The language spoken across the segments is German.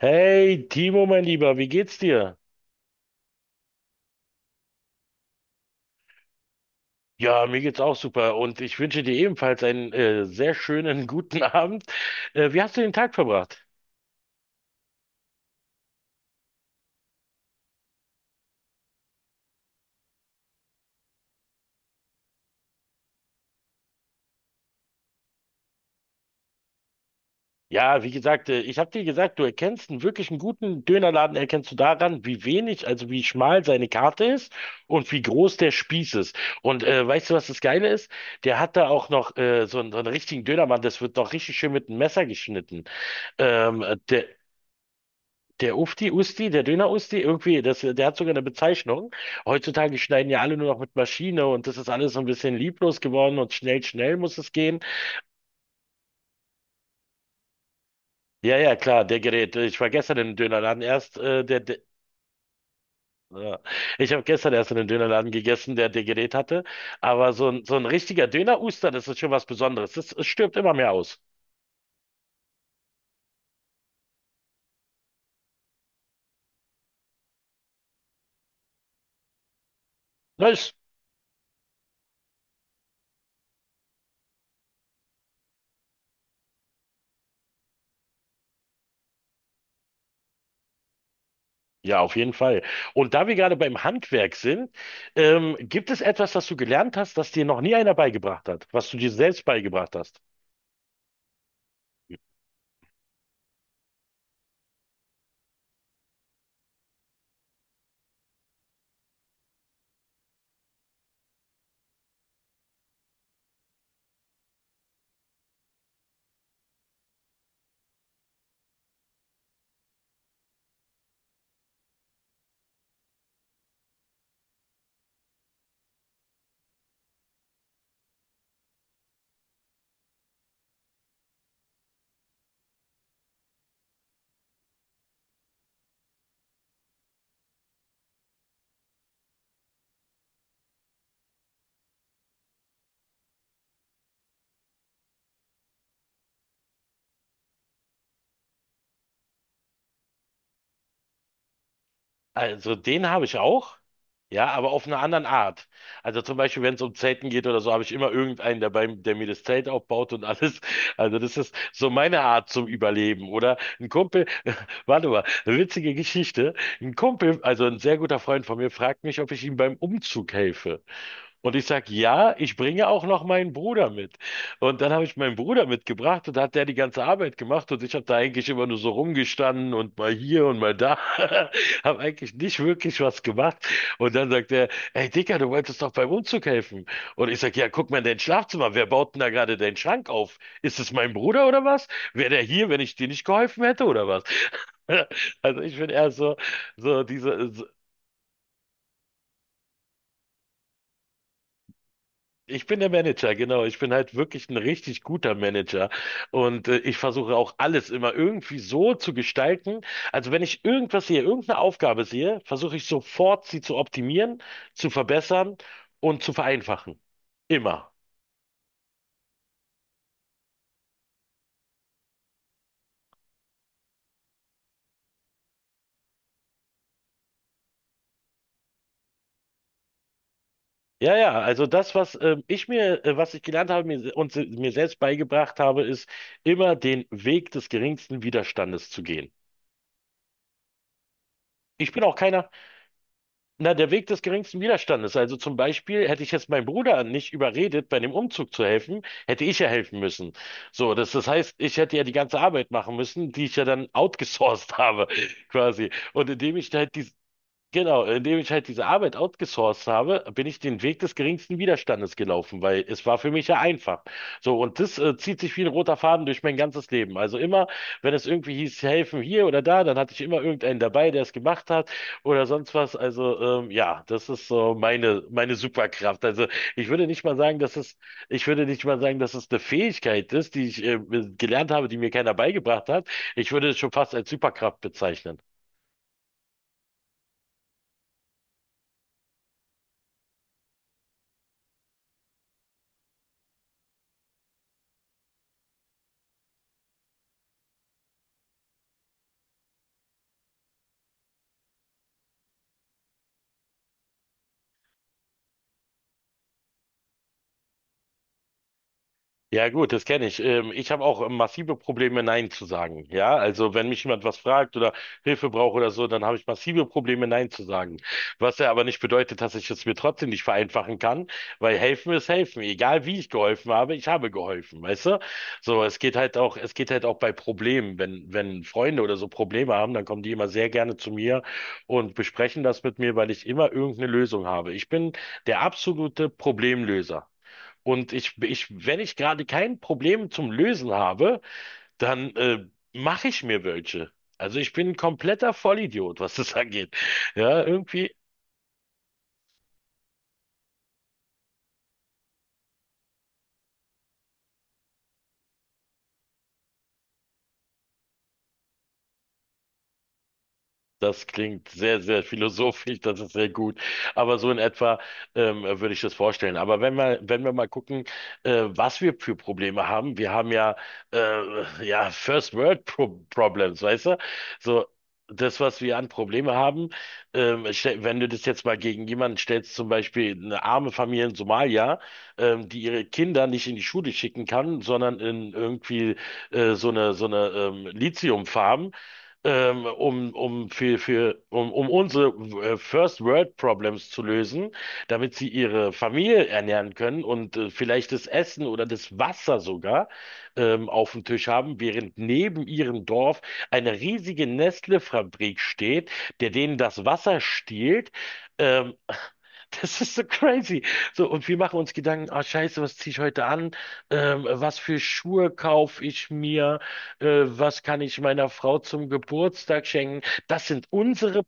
Hey, Timo, mein Lieber, wie geht's dir? Ja, mir geht's auch super und ich wünsche dir ebenfalls einen sehr schönen guten Abend. Wie hast du den Tag verbracht? Ja, wie gesagt, ich habe dir gesagt, du erkennst einen wirklich einen guten Dönerladen, erkennst du daran, wie wenig, also wie schmal seine Karte ist und wie groß der Spieß ist. Und weißt du, was das Geile ist? Der hat da auch noch so einen richtigen Dönermann, das wird noch richtig schön mit einem Messer geschnitten. Ähm, der, Der Ufti, Usti, der Döner-Usti, irgendwie, das, der hat sogar eine Bezeichnung. Heutzutage schneiden ja alle nur noch mit Maschine und das ist alles so ein bisschen lieblos geworden und schnell, schnell muss es gehen. Ja, ja, klar, der Gerät. Ich war gestern im Dönerladen erst, der ja. Ich habe gestern erst in einem Dönerladen gegessen, der Gerät hatte. Aber so ein richtiger Döner-Uster, das ist schon was Besonderes. Das, es stirbt immer mehr aus. Na, es ja, auf jeden Fall. Und da wir gerade beim Handwerk sind, gibt es etwas, das du gelernt hast, das dir noch nie einer beigebracht hat, was du dir selbst beigebracht hast? Also den habe ich auch, ja, aber auf einer anderen Art. Also zum Beispiel, wenn es um Zelten geht oder so, habe ich immer irgendeinen dabei, der mir das Zelt aufbaut und alles. Also das ist so meine Art zum Überleben. Oder ein Kumpel, warte mal, eine witzige Geschichte. Ein Kumpel, also ein sehr guter Freund von mir, fragt mich, ob ich ihm beim Umzug helfe. Und ich sag, ja, ich bringe auch noch meinen Bruder mit. Und dann habe ich meinen Bruder mitgebracht und hat der die ganze Arbeit gemacht und ich habe da eigentlich immer nur so rumgestanden und mal hier und mal da, habe eigentlich nicht wirklich was gemacht. Und dann sagt er, ey Dicker, du wolltest doch beim Umzug helfen. Und ich sag, ja, guck mal in dein Schlafzimmer, wer baut denn da gerade deinen Schrank auf? Ist es mein Bruder oder was? Wäre der hier, wenn ich dir nicht geholfen hätte oder was? Also ich bin eher so, so diese, ich bin der Manager, genau. Ich bin halt wirklich ein richtig guter Manager. Und ich versuche auch alles immer irgendwie so zu gestalten. Also wenn ich irgendwas sehe, irgendeine Aufgabe sehe, versuche ich sofort, sie zu optimieren, zu verbessern und zu vereinfachen. Immer. Ja, ja, also das, was ich mir, was ich gelernt habe mir, mir selbst beigebracht habe, ist immer den Weg des geringsten Widerstandes zu gehen. Ich bin auch keiner. Na, der Weg des geringsten Widerstandes. Also zum Beispiel hätte ich jetzt meinen Bruder nicht überredet, bei dem Umzug zu helfen, hätte ich ja helfen müssen. So, das, das heißt, ich hätte ja die ganze Arbeit machen müssen, die ich ja dann outgesourced habe, quasi. Und indem ich halt die, genau, indem ich halt diese Arbeit outgesourced habe, bin ich den Weg des geringsten Widerstandes gelaufen, weil es war für mich ja einfach. So, und das zieht sich wie ein roter Faden durch mein ganzes Leben. Also immer, wenn es irgendwie hieß, helfen hier oder da, dann hatte ich immer irgendeinen dabei, der es gemacht hat oder sonst was. Also ja, das ist so meine, meine Superkraft. Also ich würde nicht mal sagen, dass es, ich würde nicht mal sagen, dass es eine Fähigkeit ist, die ich gelernt habe, die mir keiner beigebracht hat. Ich würde es schon fast als Superkraft bezeichnen. Ja gut, das kenne ich. Ich habe auch massive Probleme, Nein zu sagen. Ja, also wenn mich jemand was fragt oder Hilfe braucht oder so, dann habe ich massive Probleme, Nein zu sagen. Was ja aber nicht bedeutet, dass ich es mir trotzdem nicht vereinfachen kann, weil helfen ist helfen. Egal wie ich geholfen habe, ich habe geholfen, weißt du? So, es geht halt auch, es geht halt auch bei Problemen. Wenn Freunde oder so Probleme haben, dann kommen die immer sehr gerne zu mir und besprechen das mit mir, weil ich immer irgendeine Lösung habe. Ich bin der absolute Problemlöser. Und wenn ich gerade kein Problem zum Lösen habe, dann mache ich mir welche. Also ich bin ein kompletter Vollidiot, was das angeht. Ja, irgendwie, das klingt sehr, sehr philosophisch, das ist sehr gut. Aber so in etwa würde ich das vorstellen. Aber wenn wir, wenn wir mal gucken, was wir für Probleme haben, wir haben ja, ja First World Problems, weißt du? So, das, was wir an Probleme haben, wenn du das jetzt mal gegen jemanden stellst, zum Beispiel eine arme Familie in Somalia, die ihre Kinder nicht in die Schule schicken kann, sondern in irgendwie so eine Lithiumfarm um, um, für, um, um unsere First World Problems zu lösen, damit sie ihre Familie ernähren können und vielleicht das Essen oder das Wasser sogar auf dem Tisch haben, während neben ihrem Dorf eine riesige Nestle-Fabrik steht, der denen das Wasser stiehlt. Ähm, Das ist so crazy. So, und wir machen uns Gedanken, ah, scheiße, was ziehe ich heute an? Was für Schuhe kaufe ich mir? Was kann ich meiner Frau zum Geburtstag schenken? Das sind unsere.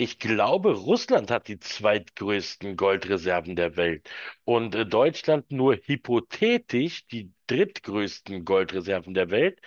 Ich glaube, Russland hat die zweitgrößten Goldreserven der Welt und Deutschland nur hypothetisch die drittgrößten Goldreserven der Welt.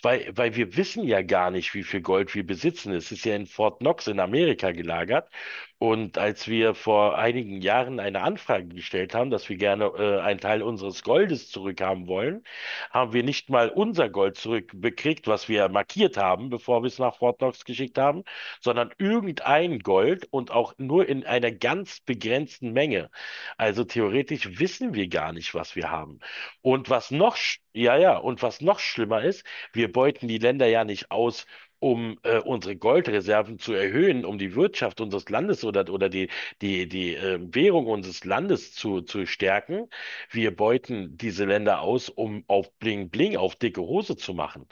Weil wir wissen ja gar nicht, wie viel Gold wir besitzen. Es ist ja in Fort Knox in Amerika gelagert. Und als wir vor einigen Jahren eine Anfrage gestellt haben, dass wir gerne einen Teil unseres Goldes zurückhaben wollen, haben wir nicht mal unser Gold zurückbekriegt, was wir markiert haben, bevor wir es nach Fort Knox geschickt haben, sondern irgendein Gold und auch nur in einer ganz begrenzten Menge. Also theoretisch wissen wir gar nicht, was wir haben. Und was noch, ja, ja, und was noch schlimmer ist, wir beuten die Länder ja nicht aus, um unsere Goldreserven zu erhöhen, um die Wirtschaft unseres Landes oder die Währung unseres Landes zu stärken. Wir beuten diese Länder aus, um auf Bling Bling, auf dicke Hose zu machen.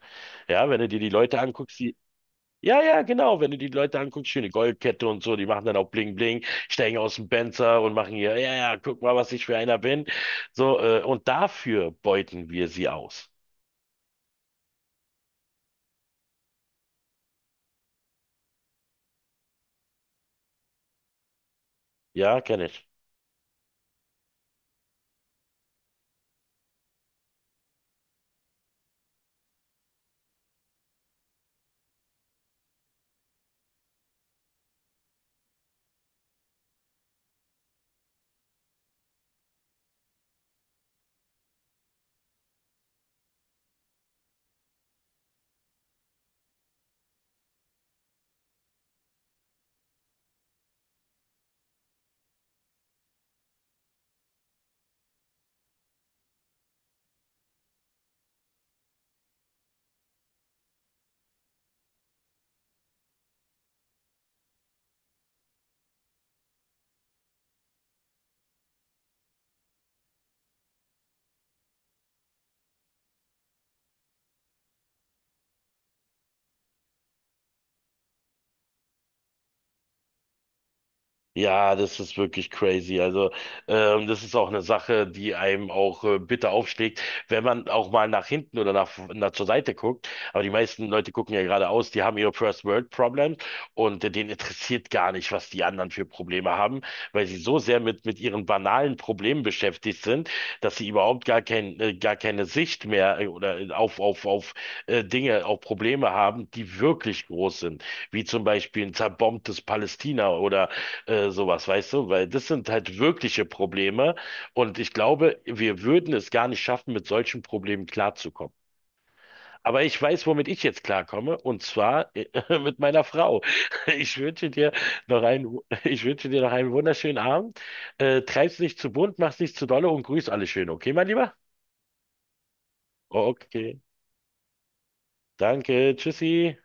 Ja, wenn du dir die Leute anguckst, die ja, ja, genau. Wenn du die Leute anguckst, schöne Goldkette und so, die machen dann auch Bling Bling, steigen aus dem Benzer und machen hier, ja, ja, guck mal, was ich für einer bin. So, und dafür beuten wir sie aus. Ja, kenne ich. Ja, das ist wirklich crazy. Also, das ist auch eine Sache, die einem auch bitter aufschlägt, wenn man auch mal nach hinten oder nach zur Seite guckt. Aber die meisten Leute gucken ja geradeaus, die haben ihre First World Problems und denen interessiert gar nicht, was die anderen für Probleme haben, weil sie so sehr mit ihren banalen Problemen beschäftigt sind, dass sie überhaupt gar kein, gar keine Sicht mehr oder auf, auf Dinge, auf Probleme haben, die wirklich groß sind, wie zum Beispiel ein zerbombtes Palästina oder sowas, weißt du? Weil das sind halt wirkliche Probleme und ich glaube, wir würden es gar nicht schaffen, mit solchen Problemen klarzukommen. Aber ich weiß, womit ich jetzt klarkomme und zwar mit meiner Frau. Ich wünsche dir noch einen, ich wünsche dir noch einen wunderschönen Abend. Treib's nicht zu bunt, mach's nicht zu dolle und grüß alle schön, okay, mein Lieber? Okay, danke, tschüssi.